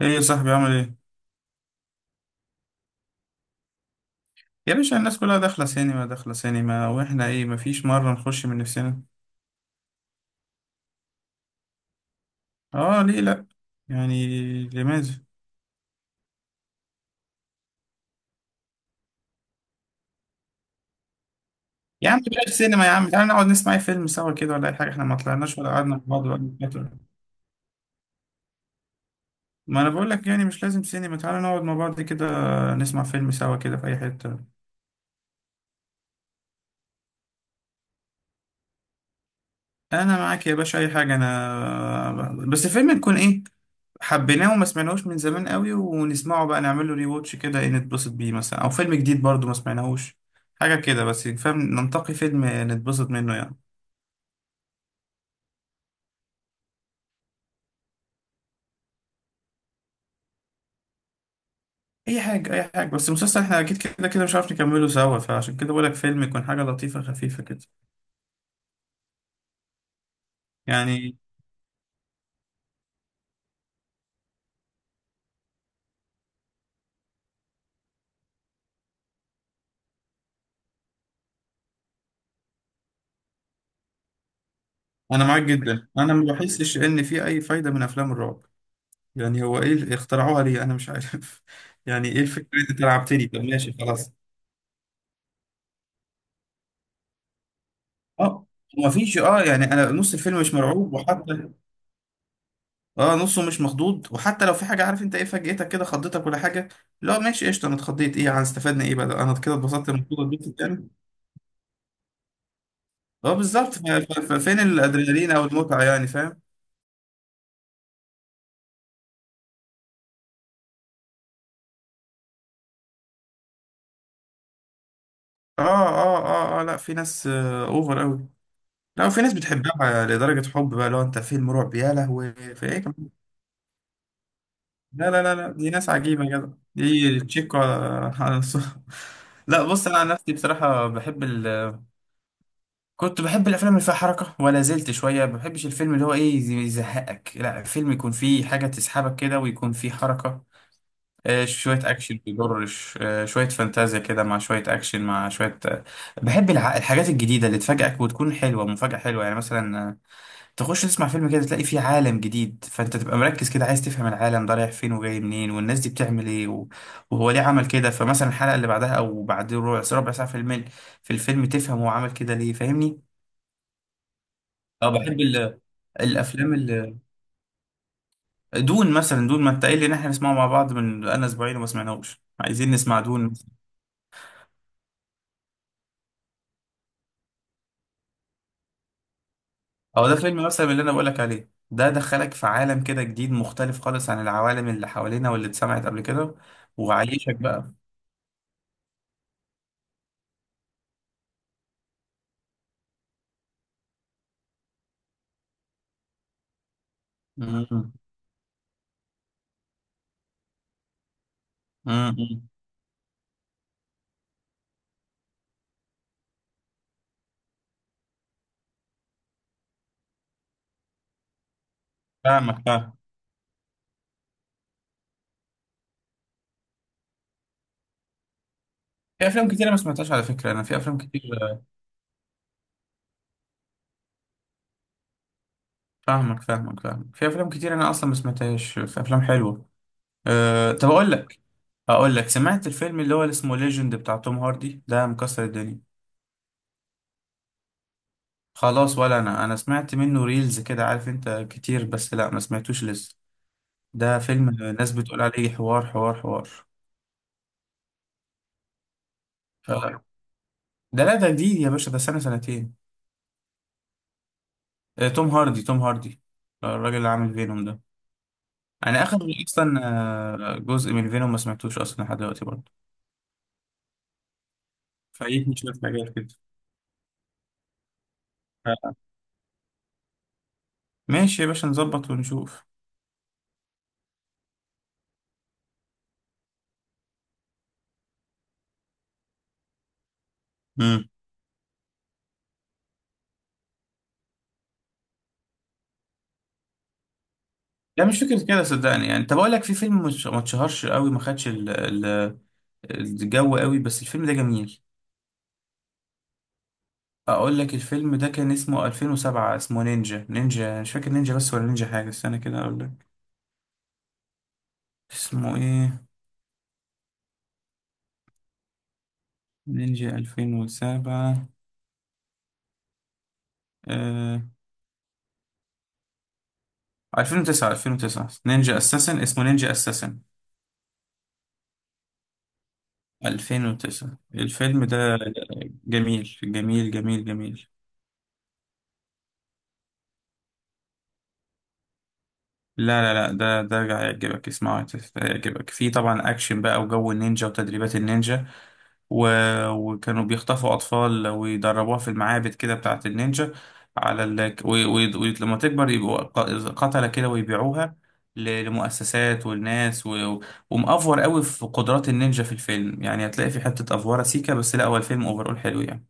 ايه يا صاحبي عامل ايه؟ يا باشا الناس كلها داخله سينما، داخله سينما، واحنا ايه؟ مفيش مره نخش من نفسنا؟ اه ليه لا؟ يعني لماذا؟ يا عم بلاش سينما، يا عم تعالى نقعد نسمع أي فيلم سوا كده، ولا اي حاجه، احنا ما طلعناش ولا قعدنا مع بعض ولا فترة. ما انا بقول لك يعني مش لازم سينما، تعالى نقعد مع بعض كده، نسمع فيلم سوا كده في اي حته. انا معاك يا باشا اي حاجه، انا بس الفيلم يكون ايه؟ حبيناه وما سمعناهوش من زمان قوي ونسمعه بقى، نعمله ري واتش كده، ايه نتبسط بيه مثلا، او فيلم جديد برضو ما سمعناهوش. حاجه كده بس، فاهم؟ ننتقي فيلم نتبسط منه يعني. اي حاجه اي حاجه، بس المسلسل احنا اكيد كده كده مش عارف نكمله سوا، فعشان كده بقولك فيلم يكون حاجه لطيفه خفيفه كده يعني. انا معاك جدا، انا ما بحسش ان في اي فايده من افلام الرعب يعني. هو ايه اللي اخترعوها ليه؟ انا مش عارف يعني ايه الفكره؟ اللي انت لعبتني. طب ماشي خلاص اه. ما فيش، اه يعني انا نص الفيلم مش مرعوب، وحتى اه نصه مش مخضوض، وحتى لو في حاجه، عارف انت ايه فاجئتك كده، خضتك ولا حاجه، لا ماشي قشطه، انا اتخضيت ايه يعني؟ استفدنا ايه بقى؟ انا كده اتبسطت، المفروض اتبسط يعني. اه بالظبط، ف- ف- ففين الادرينالين او المتعه يعني؟ فاهم؟ اه اه اه اه، لا في ناس اوفر قوي، لا وفي ناس بتحبها لدرجه حب بقى، لو انت فيلم رعب يا لهوي في ايه كمان؟ لا لا لا لا، دي ناس عجيبه يا جدع، دي تشيكو على لا بص، انا عن نفسي بصراحه بحب، كنت بحب الافلام اللي فيها حركه ولا زلت شويه. ما بحبش الفيلم اللي هو ايه يزهقك، لا الفيلم يكون فيه حاجه تسحبك كده ويكون فيه حركه، شويه اكشن بيضرش، شويه فانتازيا كده مع شويه اكشن مع شويه. بحب الحاجات الجديده اللي تفاجئك وتكون حلوه، مفاجاه حلوه يعني. مثلا تخش تسمع فيلم كده تلاقي فيه عالم جديد، فانت تبقى مركز كده عايز تفهم العالم ده رايح فين وجاي منين، والناس دي بتعمل ايه و- وهو ليه عمل كده. فمثلا الحلقه اللي بعدها او بعد ربع ربع ساعه في الفيلم تفهم هو عمل كده ليه، فاهمني؟ اه بحب الافلام. دون مثلا، دون ما انت قايل لي ان احنا نسمعه مع بعض من انا اسبوعين وما سمعناهوش، عايزين نسمع دون. او ده فيلم مثلا اللي انا بقول لك عليه، ده دخلك في عالم كده جديد مختلف خالص عن العوالم اللي حوالينا واللي اتسمعت قبل كده وعايشك بقى. امم امم. فاهمك فاهم، في افلام كتير ما سمعتهاش على فكره، انا في افلام كتير. فاهمك فاهمك فاهمك، في افلام كتير انا اصلا ما سمعتهاش، في افلام حلوه. طب اقول لك، اقول لك سمعت الفيلم اللي هو اللي اسمه ليجند بتاع توم هاردي ده؟ مكسر الدنيا. خلاص، ولا انا سمعت منه ريلز كده عارف انت كتير، بس لا ما سمعتوش لسه. ده فيلم ناس بتقول عليه حوار حوار حوار. ف- ده لا ده جديد يا باشا، ده سنة سنتين. توم هاردي، توم هاردي، الراجل اللي عامل فينوم ده. انا اخر اصلا جزء من فينوم ما سمعتوش اصلا لحد دلوقتي برضه، فايتني شوية حاجات كده. ف- ماشي يا باشا، نظبط ونشوف. امم، لا مش فكرة كده صدقني. يعني طب اقول لك، في فيلم ما اتشهرش قوي، ما خدش ال- الجو قوي، بس الفيلم ده جميل. اقول لك، الفيلم ده كان اسمه 2007، اسمه نينجا، نينجا مش فاكر نينجا بس ولا نينجا حاجة، استنى كده اقول لك اسمه ايه. نينجا 2007، آه... 2009، 2009 نينجا اساسن، اسمه نينجا اساسن. 2009 الفيلم ده. جميل جميل جميل جميل. لا لا لا، ده هيعجبك، اسمعه هيعجبك. في طبعا اكشن بقى، وجو النينجا وتدريبات النينجا و... وكانوا بيخطفوا اطفال ويدربوها في المعابد كده بتاعه النينجا، على ولما تكبر يبقوا قتلة كده ويبيعوها لمؤسسات والناس ومأفور قوي في قدرات النينجا في الفيلم، يعني هتلاقي في حتة افوره سيكا، بس لا هو الفيلم اوفرول حلو يعني.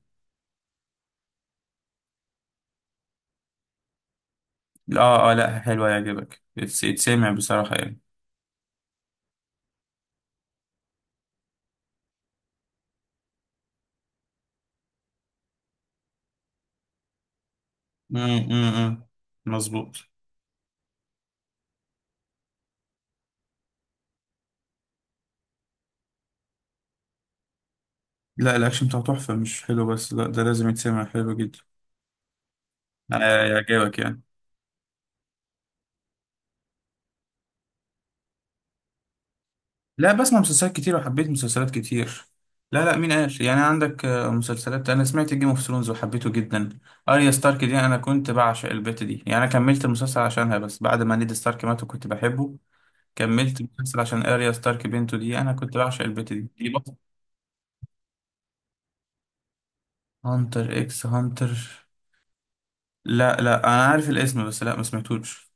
اه اه، لا حلو هيعجبك، يتسمع بصراحة يعني. امم، مظبوط. لا الاكشن بتاعه تحفه، مش حلو بس، لا ده لازم يتسمع، حلو جدا، انا يعجبك يعني. لا بسمع مسلسلات كتير وحبيت مسلسلات كتير، لا لا مين قال؟ يعني عندك مسلسلات، انا سمعت جيم اوف ثرونز وحبيته جدا، اريا ستارك دي انا كنت بعشق البت دي يعني، انا كملت المسلسل عشانها. بس بعد ما نيد ستارك مات وكنت بحبه، كملت المسلسل عشان اريا ستارك بنته دي، انا كنت بعشق البت دي، دي بطل. هانتر اكس هانتر؟ لا لا انا عارف الاسم بس لا ما سمعتوش.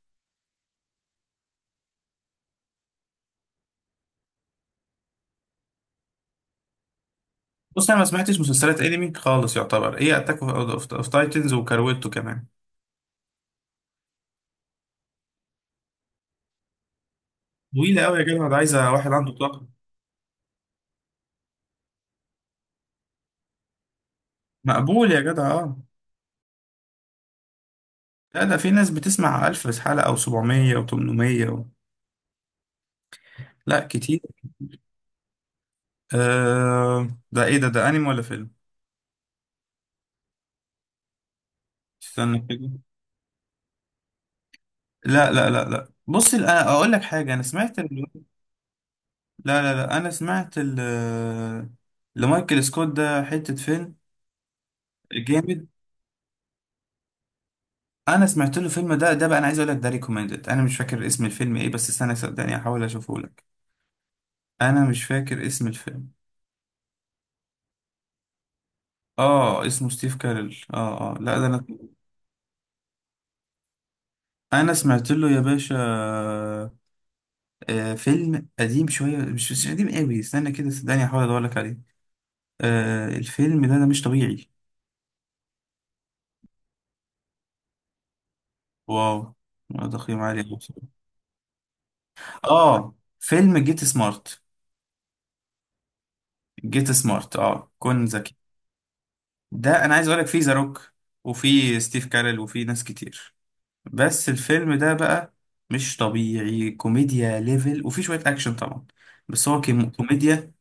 بص انا ما سمعتش مسلسلات انمي خالص، يعتبر ايه اتاك اوف تايتنز وكارويتو كمان. طويله قوي يا جدع، ده عايزه واحد عنده طاقه. مقبول يا جدع اه. لا ده في ناس بتسمع 1000 حلقه او 700 و800 لا كتير. ده ايه ده؟ ده انمي ولا فيلم؟ استنى كده. لا لا لا لا بص، انا اقول لك حاجه، انا سمعت لا لا لا انا سمعت ال... آه، لمايكل سكوت ده حته فيلم جامد، انا سمعت له فيلم، ده ده بقى انا عايز اقول لك، ده ريكومندد، انا مش فاكر اسم الفيلم ايه بس استنى صدقني احاول اشوفه لك، انا مش فاكر اسم الفيلم. اه اسمه ستيف كارل، اه اه لا ده انا، انا سمعت له يا باشا، آه فيلم قديم شويه، مش قديم قوي، استنى كده صدقني احاول ادور لك عليه. آه الفيلم ده، ده مش طبيعي. واو، تقييم عالي أوي بصراحة. اه فيلم جيت سمارت. جيت سمارت اه، كن ذكي. ده انا عايز اقول لك، فيه ذا روك وفي ستيف كارل وفي ناس كتير، بس الفيلم ده بقى مش طبيعي، كوميديا ليفل، وفي شوية أكشن طبعا، بس هو كوميديا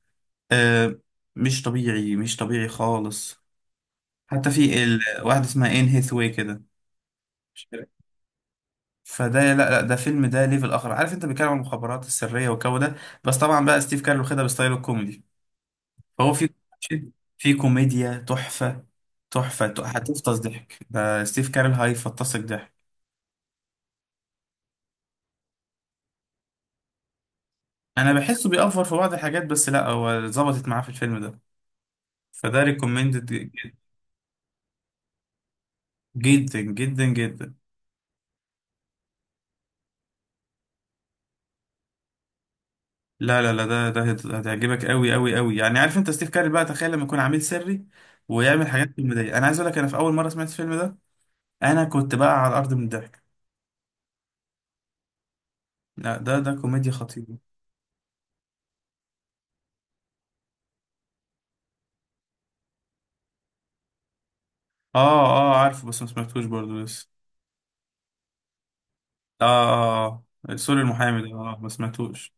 آه، مش طبيعي، مش طبيعي خالص. حتى في واحدة اسمها إن هيثواي كده، مش عارف. فده، لا لا ده فيلم، ده ليفل آخر عارف أنت، بيتكلم عن المخابرات السرية والجو ده، بس طبعا بقى ستيف كارل واخدها بستايله الكوميدي. فهو في، في كوميديا تحفة، تحفة، هتفطس ضحك، ده ستيف كارل هيفطسك ضحك. أنا بحسه بيأفور في بعض الحاجات، بس لا هو ظبطت معاه في الفيلم ده، فده ريكومندد جدا جدا جدا. لا لا لا، ده هتعجبك قوي قوي قوي يعني، عارف انت ستيف كاري بقى، تخيل لما يكون عميل سري ويعمل حاجات كوميديه، انا عايز اقول لك، انا في اول مره سمعت الفيلم ده انا كنت بقى على الارض من الضحك. لا ده ده كوميديا خطيره. اه اه عارفه، بس ما سمعتوش برضه لسه. اه اه آه. سوري المحامي ده اه ما سمعتوش.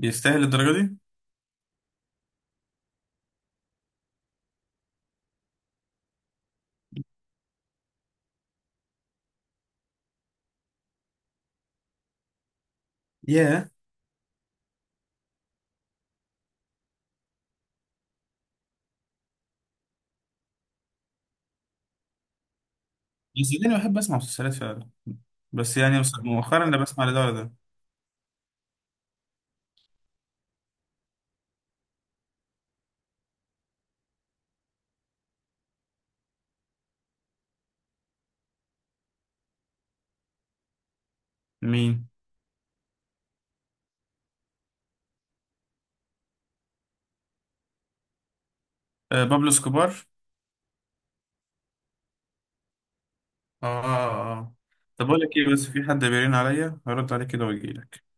يستاهل الدرجه دي؟ ياه. بس انا بحب اسمع مسلسلات فعلا، بس يعني مؤخرا انا بسمع لده ولا ده. مين؟ آه بابلو سكوبار. اه اه اه. طب اقول لك ايه، بس في حد بيرن عليا، هرد عليه كده واجي لك.